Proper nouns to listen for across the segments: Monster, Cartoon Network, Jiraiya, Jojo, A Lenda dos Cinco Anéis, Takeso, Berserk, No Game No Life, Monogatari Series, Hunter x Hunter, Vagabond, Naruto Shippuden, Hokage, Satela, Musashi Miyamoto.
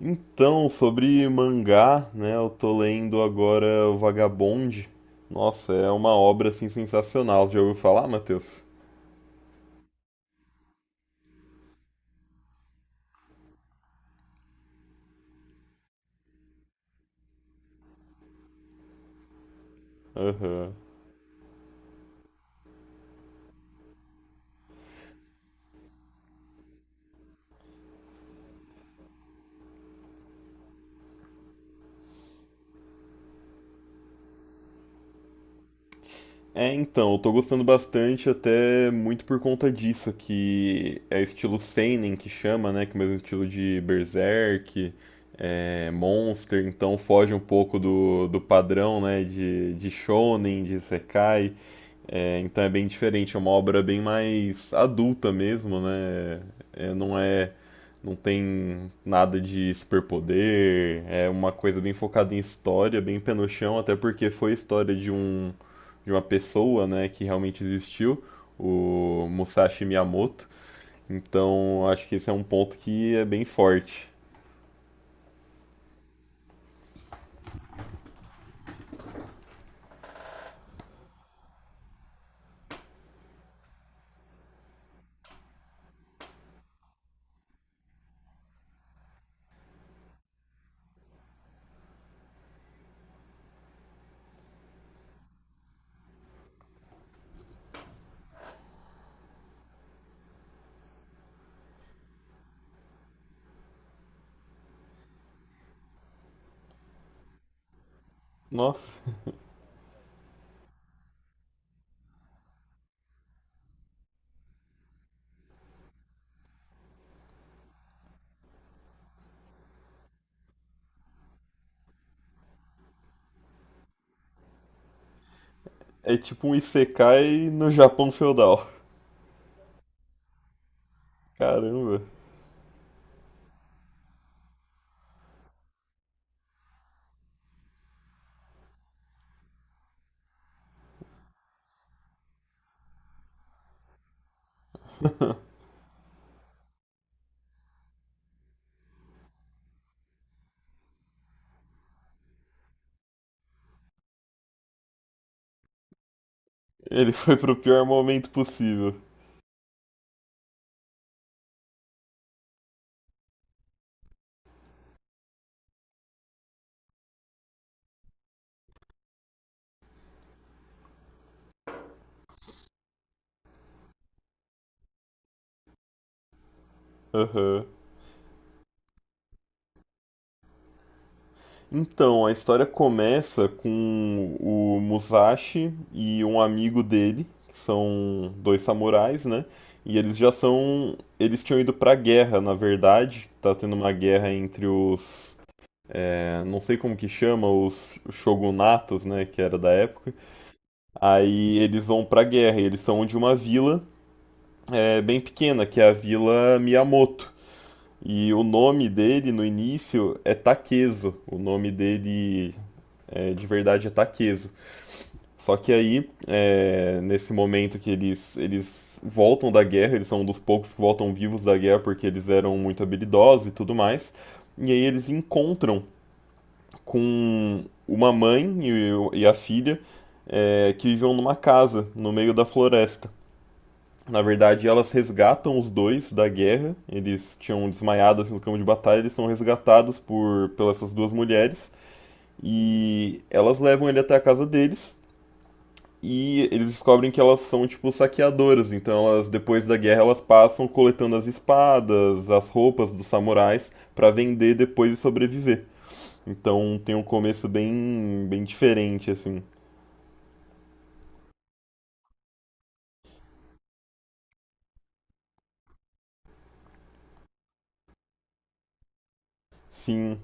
Então, sobre mangá, né, eu tô lendo agora o Vagabond. Nossa, é uma obra assim sensacional. Já ouviu falar, Matheus? Aham. Eu tô gostando bastante até muito por conta disso, que é estilo seinen que chama, né, que é o mesmo estilo de Berserk, Monster, então foge um pouco do padrão, né, de shonen, de isekai. É, então é bem diferente, é uma obra bem mais adulta mesmo, né? É, não é, não tem nada de superpoder, é uma coisa bem focada em história, bem pé no chão, até porque foi a história de de uma pessoa, né, que realmente existiu, o Musashi Miyamoto. Então, acho que esse é um ponto que é bem forte. Nossa, é tipo um isekai no Japão feudal. Caramba. Ele foi pro pior momento possível. Aham. Então, a história começa com o Musashi e um amigo dele, que são dois samurais, né? E eles já são. Eles tinham ido pra guerra, na verdade. Tá tendo uma guerra entre os. Não sei como que chama, os shogunatos, né? Que era da época. Aí eles vão pra guerra, e eles são de uma vila bem pequena, que é a Vila Miyamoto. E o nome dele no início é Takeso. O nome dele de verdade ataqueso. Só que aí, nesse momento que eles voltam da guerra, eles são um dos poucos que voltam vivos da guerra porque eles eram muito habilidosos e tudo mais. E aí eles encontram com uma mãe e a filha que viviam numa casa no meio da floresta. Na verdade, elas resgatam os dois da guerra. Eles tinham desmaiado assim, no campo de batalha. Eles são resgatados por pelas essas duas mulheres e elas levam ele até a casa deles. E eles descobrem que elas são tipo saqueadoras, então elas depois da guerra elas passam coletando as espadas, as roupas dos samurais pra vender depois e sobreviver. Então tem um começo bem diferente assim. Sim.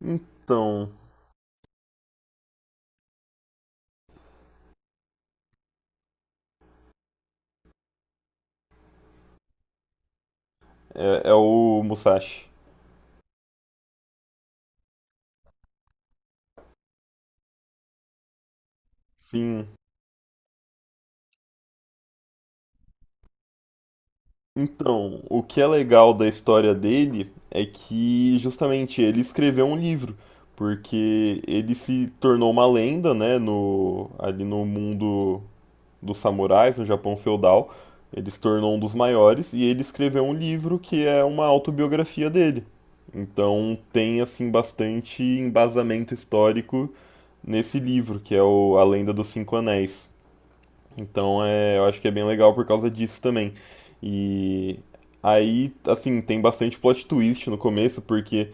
Então, é, é o Musashi. Sim. Então, o que é legal da história dele é que justamente ele escreveu um livro, porque ele se tornou uma lenda, né, no ali no mundo dos samurais no Japão feudal. Ele se tornou um dos maiores e ele escreveu um livro que é uma autobiografia dele. Então tem assim bastante embasamento histórico nesse livro, que é o A Lenda dos Cinco Anéis. Então é, eu acho que é bem legal por causa disso também. E aí, assim, tem bastante plot twist no começo, porque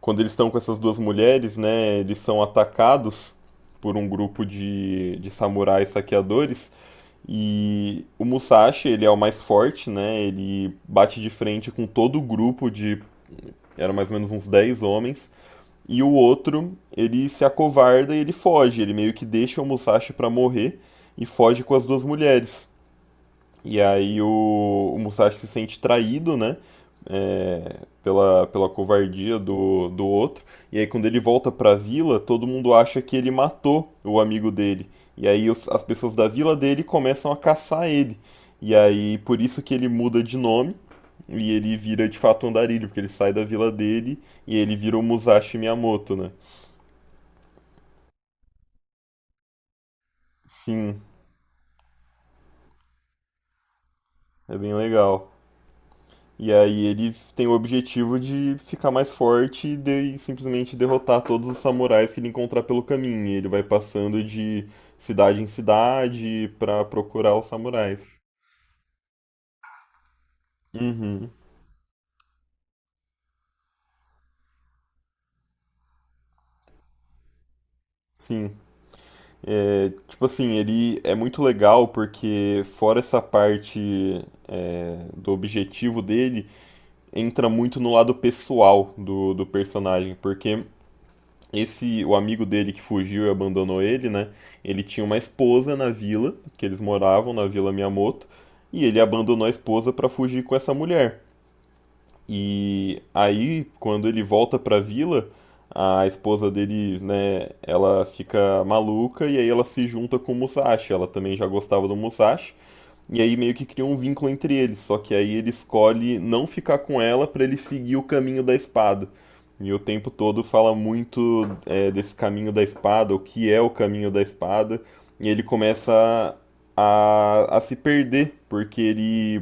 quando eles estão com essas duas mulheres, né, eles são atacados por um grupo de samurais saqueadores. E o Musashi, ele é o mais forte, né? Ele bate de frente com todo o grupo de. Eram mais ou menos uns 10 homens. E o outro, ele se acovarda e ele foge. Ele meio que deixa o Musashi pra morrer e foge com as duas mulheres. E aí o Musashi se sente traído, né? Pela pela covardia do outro. E aí, quando ele volta pra vila, todo mundo acha que ele matou o amigo dele. E aí, as pessoas da vila dele começam a caçar ele. E aí, por isso que ele muda de nome. E ele vira de fato um andarilho, porque ele sai da vila dele e ele vira o Musashi Miyamoto, né? Sim, é bem legal. E aí eles têm o objetivo de ficar mais forte e simplesmente derrotar todos os samurais que ele encontrar pelo caminho. E ele vai passando de cidade em cidade pra procurar os samurais. Uhum, sim. É, tipo assim, ele é muito legal porque fora essa parte do objetivo dele, entra muito no lado pessoal do personagem, porque Esse, o amigo dele que fugiu e abandonou ele, né? Ele tinha uma esposa na vila, que eles moravam na Vila Miyamoto, e ele abandonou a esposa para fugir com essa mulher. E aí, quando ele volta para a vila, a esposa dele, né, ela fica maluca e aí ela se junta com o Musashi. Ela também já gostava do Musashi. E aí meio que cria um vínculo entre eles, só que aí ele escolhe não ficar com ela pra ele seguir o caminho da espada. E o tempo todo fala muito desse caminho da espada, o que é o caminho da espada, e ele começa a se perder, porque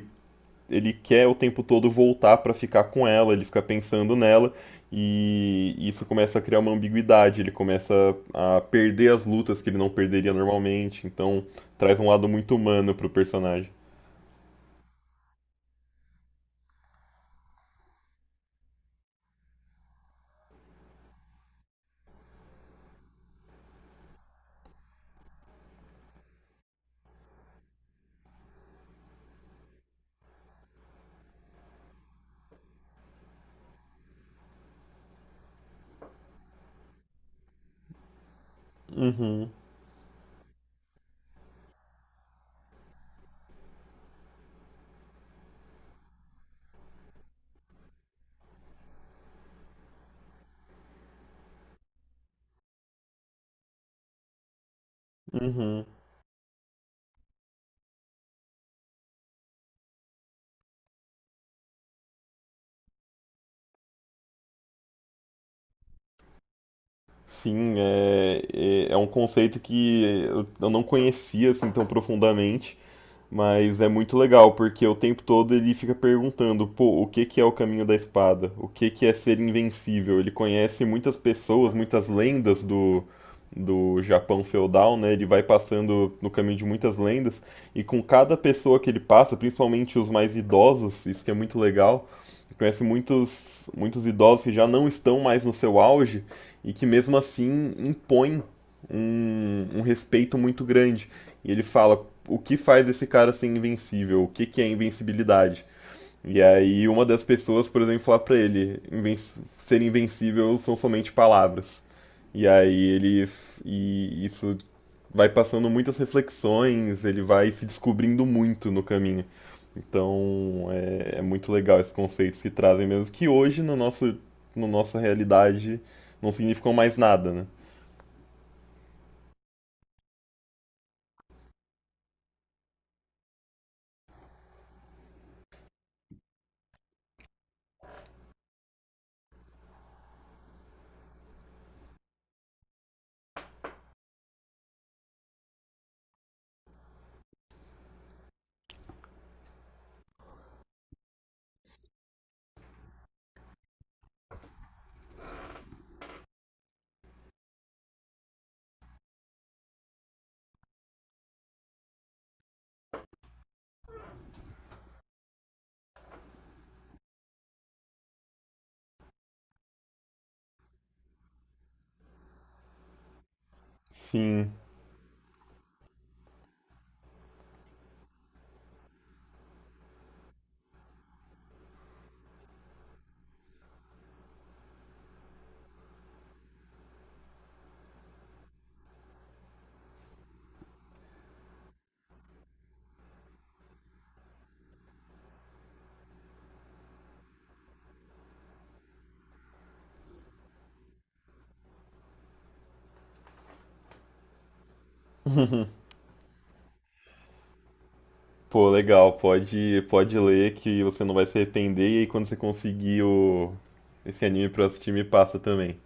ele quer o tempo todo voltar pra ficar com ela, ele fica pensando nela, e isso começa a criar uma ambiguidade, ele começa a perder as lutas que ele não perderia normalmente, então traz um lado muito humano pro personagem. Uhum, uhum. Sim, é um conceito que eu não conhecia assim tão profundamente. Mas é muito legal, porque o tempo todo ele fica perguntando, pô, o que que é o caminho da espada? O que que é ser invencível? Ele conhece muitas pessoas, muitas lendas do Japão feudal, né? Ele vai passando no caminho de muitas lendas, e com cada pessoa que ele passa, principalmente os mais idosos, isso que é muito legal, ele conhece muitos idosos que já não estão mais no seu auge, e que mesmo assim impõem um respeito muito grande. E ele fala, o que faz esse cara ser invencível, que é invencibilidade. E aí uma das pessoas, por exemplo, fala pra ele, inven ser invencível são somente palavras. E aí ele e isso vai passando muitas reflexões, ele vai se descobrindo muito no caminho. Então é, é muito legal esses conceitos que trazem mesmo, que hoje no nossa realidade não significam mais nada, né? Sim. Pô, legal, pode, pode ler que você não vai se arrepender e aí quando você conseguir esse anime pra assistir me passa também.